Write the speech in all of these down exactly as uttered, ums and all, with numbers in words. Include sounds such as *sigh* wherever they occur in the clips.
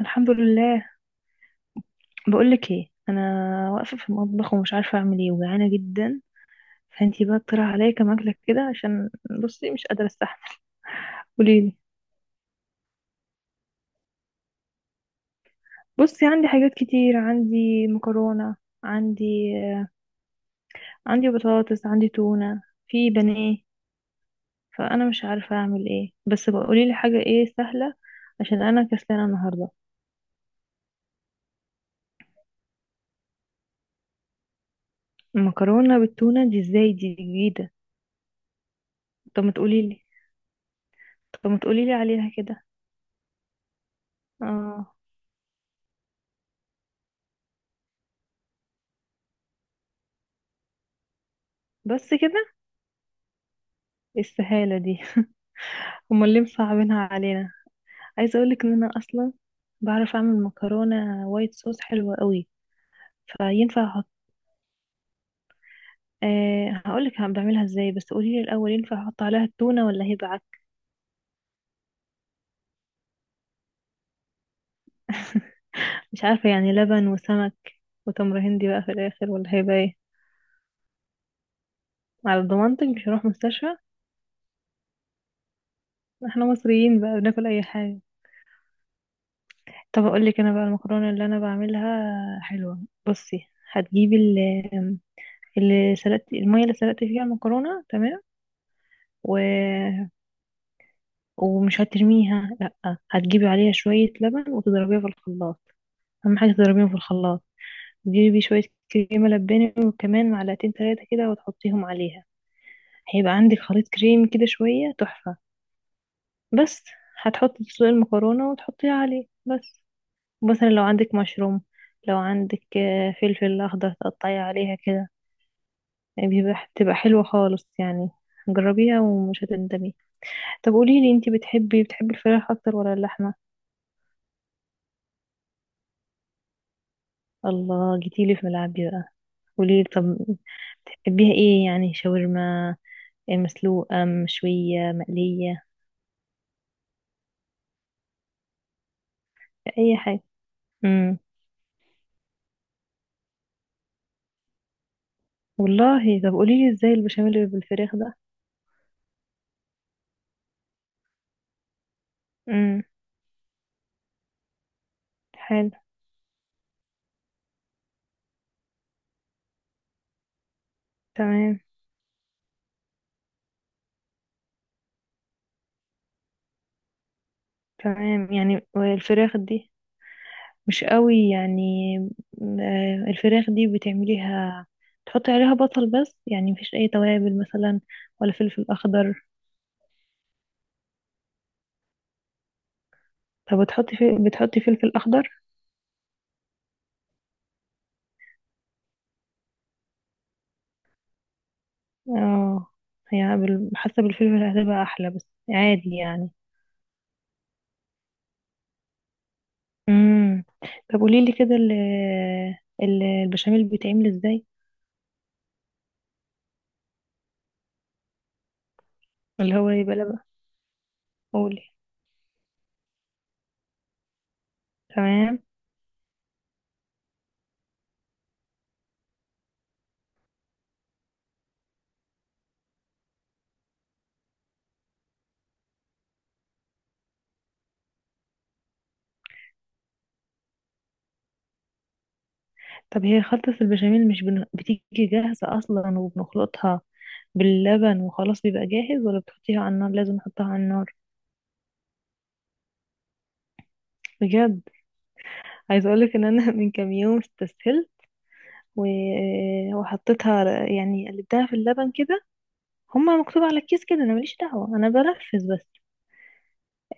الحمد لله. بقولك ايه، انا واقفه في المطبخ ومش عارفه اعمل ايه وجعانه جدا. فانتي بقى اقترح عليا كام اكله كده عشان، بصي مش قادره استحمل. قوليلي. بصي عندي حاجات كتير، عندي مكرونه، عندي عندي بطاطس، عندي تونه، في بانيه. فانا مش عارفه اعمل ايه بس بقى قوليلي حاجه ايه سهله عشان انا كسلانه النهارده. المكرونه بالتونه دي ازاي؟ دي جديده. طب ما تقوليلي. طب ما تقوليلي عليها كده. اه. بس كده؟ إيه السهاله دي! *laughs* امال ليه مصعبينها علينا. عايزه اقولك ان انا اصلا بعرف اعمل مكرونه وايت صوص حلوه قوي. فينفع احط، أه هقولك هعم- بعملها ازاي، بس قوليلي الاول ينفع احط عليها التونه ولا هيبقى عك؟ *laughs* مش عارفه، يعني لبن وسمك وتمر هندي بقى في الاخر، ولا هيبقى ايه؟ على ضمانتك مش هروح مستشفى. احنا مصريين بقى بناكل اي حاجه. طب اقولك انا بقى المكرونه اللي انا بعملها حلوه. بصي هتجيبي ال، اللي سلقت المية اللي سلقت فيها المكرونة، تمام. و... ومش هترميها، لأ، هتجيبي عليها شوية لبن وتضربيها في الخلاط. أهم حاجة تضربيهم في الخلاط. تجيبي شوية كريمة لباني، وكمان معلقتين تلاتة كده وتحطيهم عليها. هيبقى عندك خليط كريم كده شوية، تحفة. بس هتحطي تسلقي المكرونة وتحطيها عليه بس. مثلا لو عندك مشروم، لو عندك آه، فلفل أخضر تقطعي عليها كده. يعني بيبقى بتبقى حلوة خالص يعني. جربيها ومش هتندمي. طب قوليلي انتي بتحبي بتحبي الفراخ أكتر ولا اللحمة؟ الله، جيتيلي في ملعبي بقى. قوليلي طب، بتحبيها ايه، يعني شاورما، إيه، مسلوقة، مشوية، مقلية، أي حاجة. امم، والله طب قوليلي ازاي البشاميل اللي بالفراخ ده. امم. حلو. تمام. تمام يعني الفراخ دي مش قوي يعني. آه، الفراخ دي بتعمليها تحطي عليها بصل بس، يعني مفيش أي توابل مثلا؟ ولا فلفل أخضر؟ طب بتحطي في... بتحطي فلفل أخضر. اه. هي بال- حاسة بالفلفل هتبقى احلى، بس عادي يعني. امم. طب قولي لي كده ال- ال- البشاميل بيتعمل ازاي؟ اللي هو يبقى لبن. قولي. تمام. طب هي خلطة البشاميل مش بن... بتيجي جاهزة اصلا وبنخلطها باللبن وخلاص بيبقى جاهز، ولا بتحطيها على النار؟ لازم نحطها على النار؟ بجد؟ عايزة اقولك ان انا *laughs* من كام يوم استسهلت و... وحطيتها، يعني قلبتها في اللبن كده. هما مكتوب على الكيس كده، انا ماليش دعوة، انا بنفذ بس.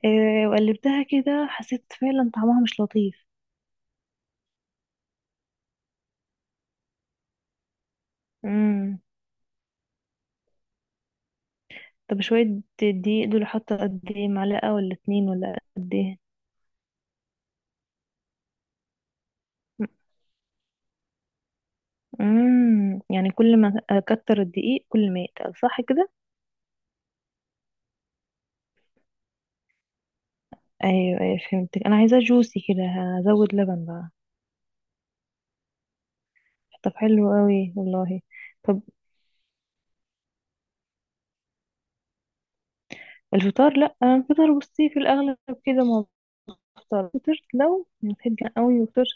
آه، وقلبتها كده حسيت فعلا طعمها مش لطيف. امم. طب شوية دقيق دول حاطة قد ايه، معلقة ولا اتنين ولا قد ايه؟ امم، يعني كل ما اكتر الدقيق كل ما يتقل، صح كده؟ ايوه ايوه فهمتك، انا عايزاه جوسي كده، هزود لبن بقى. طب حلو قوي والله. طب، الفطار لا انا الفطار بصي في الاغلب كده ما بفطر. فطرت لو بحب قوي وفطرت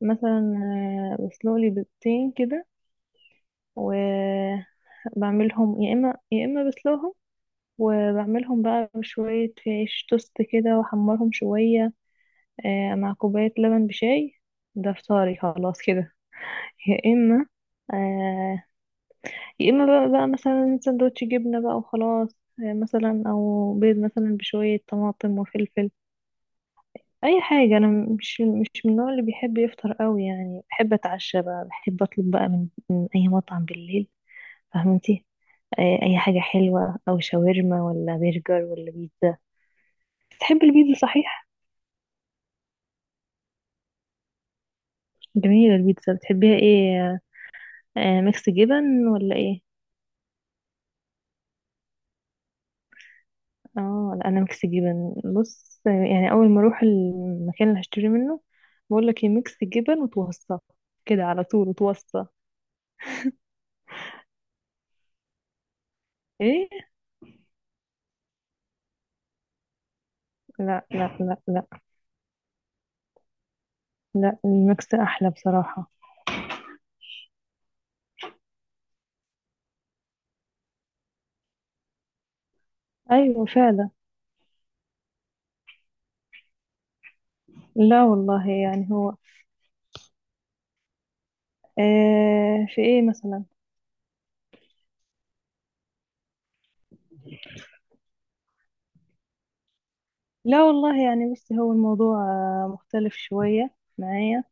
مثلا آه، بسلق لي بيضتين كده. وبعملهم يا اما يا اما بسلقهم، وبعملهم بقى بشوية عيش توست كده واحمرهم شوية، آه، مع كوباية لبن بشاي. ده فطاري خلاص كده. يا اما آه، يا اما بقى, بقى مثلا سندوتش جبنة بقى وخلاص. آه، مثلا او بيض مثلا بشوية طماطم وفلفل. اي حاجة. انا مش مش من النوع اللي بيحب يفطر قوي يعني. بحب اتعشى بقى، بحب اطلب بقى من من اي مطعم بالليل، فهمتي؟ آه، اي حاجة حلوة، او شاورما ولا برجر ولا بيتزا. بتحبي البيتزا صحيح؟ جميلة البيتزا. بتحبيها ايه، آه، ميكس جبن ولا ايه؟ اه لا، انا ميكس جبن. بص آه، يعني اول ما اروح المكان اللي هشتري منه بقول لك ايه، ميكس جبن، وتوصى كده على طول وتوصى. ايه. لا لا لا لا، لا الميكس احلى بصراحة. ايوه فعلا. لا والله، يعني هو، آه في ايه مثلا. لا والله يعني بصي هو الموضوع آه، مختلف شوية معايا.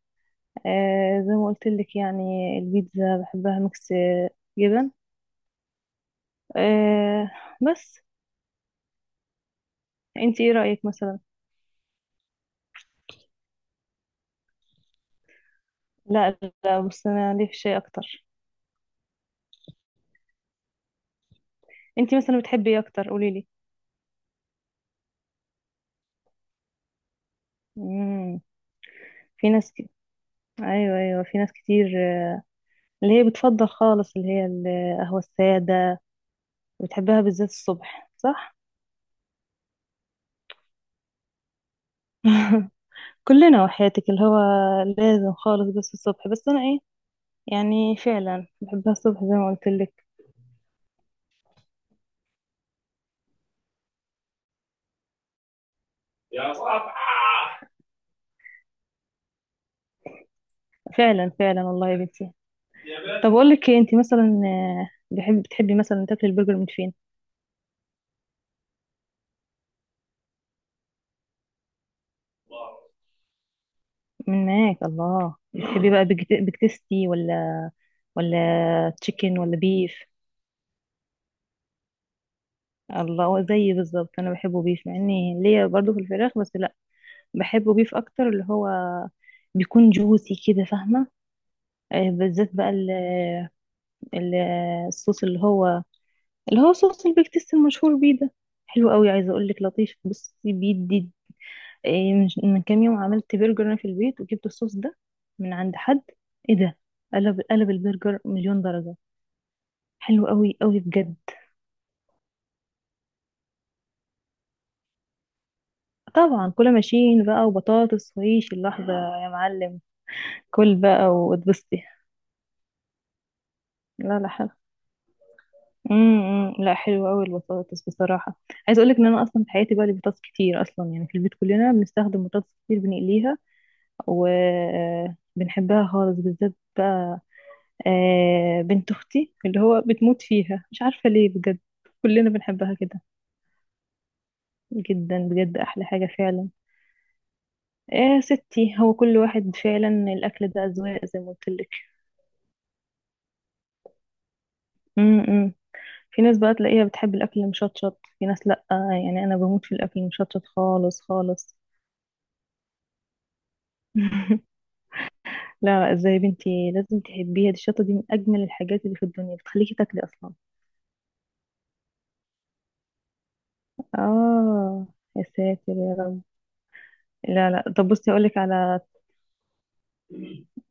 آه، زي ما قلت لك يعني البيتزا بحبها ميكس آه، جبن، آه، بس. انت ايه رأيك مثلا؟ لا. لا بص انا ليه في شيء اكتر. انت مثلا بتحبي ايه اكتر قولي لي. امم. في ناس ك... ايوه ايوه في ناس كتير آه، اللي هي بتفضل خالص، اللي هي القهوة السادة. بتحبها بالذات الصبح صح؟ *laughs* كلنا وحياتك، اللي هو لازم خالص بس الصبح، بس انا ايه، يعني فعلا بحبها الصبح زي ما قلت لك. يا صاحبي، فعلا فعلا والله يا بنتي يا. طب بنت اقول لك إيه، انت مثلا آه، بحب بتحبي مثلا تاكلي البرجر من فين؟ الله، من ماك، الله. بتحبي بقى بيك بيك تيستي ولا، ولا تشيكن ولا بيف؟ الله هو زيي بالظبط، انا بحبه بيف مع اني ليا برضه في الفراخ، بس لا، بحبه بيف اكتر اللي هو بيكون جوسي كده، فاهمه؟ آه، بالذات بقى ال- ال- الصوص اللي هو، اللي هو صوص البيك تيست المشهور بيه ده، حلو قوي. عايزه اقول لك لطيف، بصي بيدي إيه، من من كام يوم عملت برجر انا في البيت وجبت الصوص ده من عند حد. ايه ده، قلب قلب البرجر مليون درجه. حلو قوي قوي بجد. طبعا كل ماشيين بقى وبطاطس وعيش اللحظه، يا معلم. كل بقى واتبسطي. لا لا حلو. امم. إمم. لا حلو قوي البطاطس بصراحه. عايزه اقول لك ان انا اصلا في حياتي بقى لي بطاطس كتير اصلا. يعني في البيت كلنا بنستخدم بطاطس كتير، بنقليها وبنحبها خالص. بالذات بقى آه، بنت اختي اللي هو بتموت فيها مش عارفة ليه بجد. كلنا بنحبها كده جدا بجد، احلى حاجة فعلا. يا ستي هو كل واحد فعلا الاكل ده اذواق، زي ما قلت لك. امم. في ناس بقى تلاقيها بتحب الاكل المشطشط، في ناس لا. يعني انا بموت في الاكل المشطشط خالص خالص. *laughs* لا لا، ازاي يا بنتي، لازم تحبيها دي، الشطة دي من اجمل الحاجات اللي في الدنيا، بتخليكي تاكلي اصلا. اه، يا ساتر يا رب. لا لا، طب بصي هقولك على،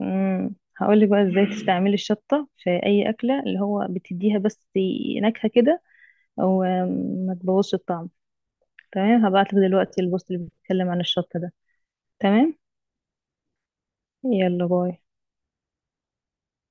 امم، هقولك بقى ازاي تستعملي الشطة في اي اكلة، اللي هو بتديها بس نكهة كده، او أم، ما تبوظش الطعم. تمام، هبعتلك دلوقتي البوست اللي بيتكلم عن الشطة ده. تمام. يلا باي.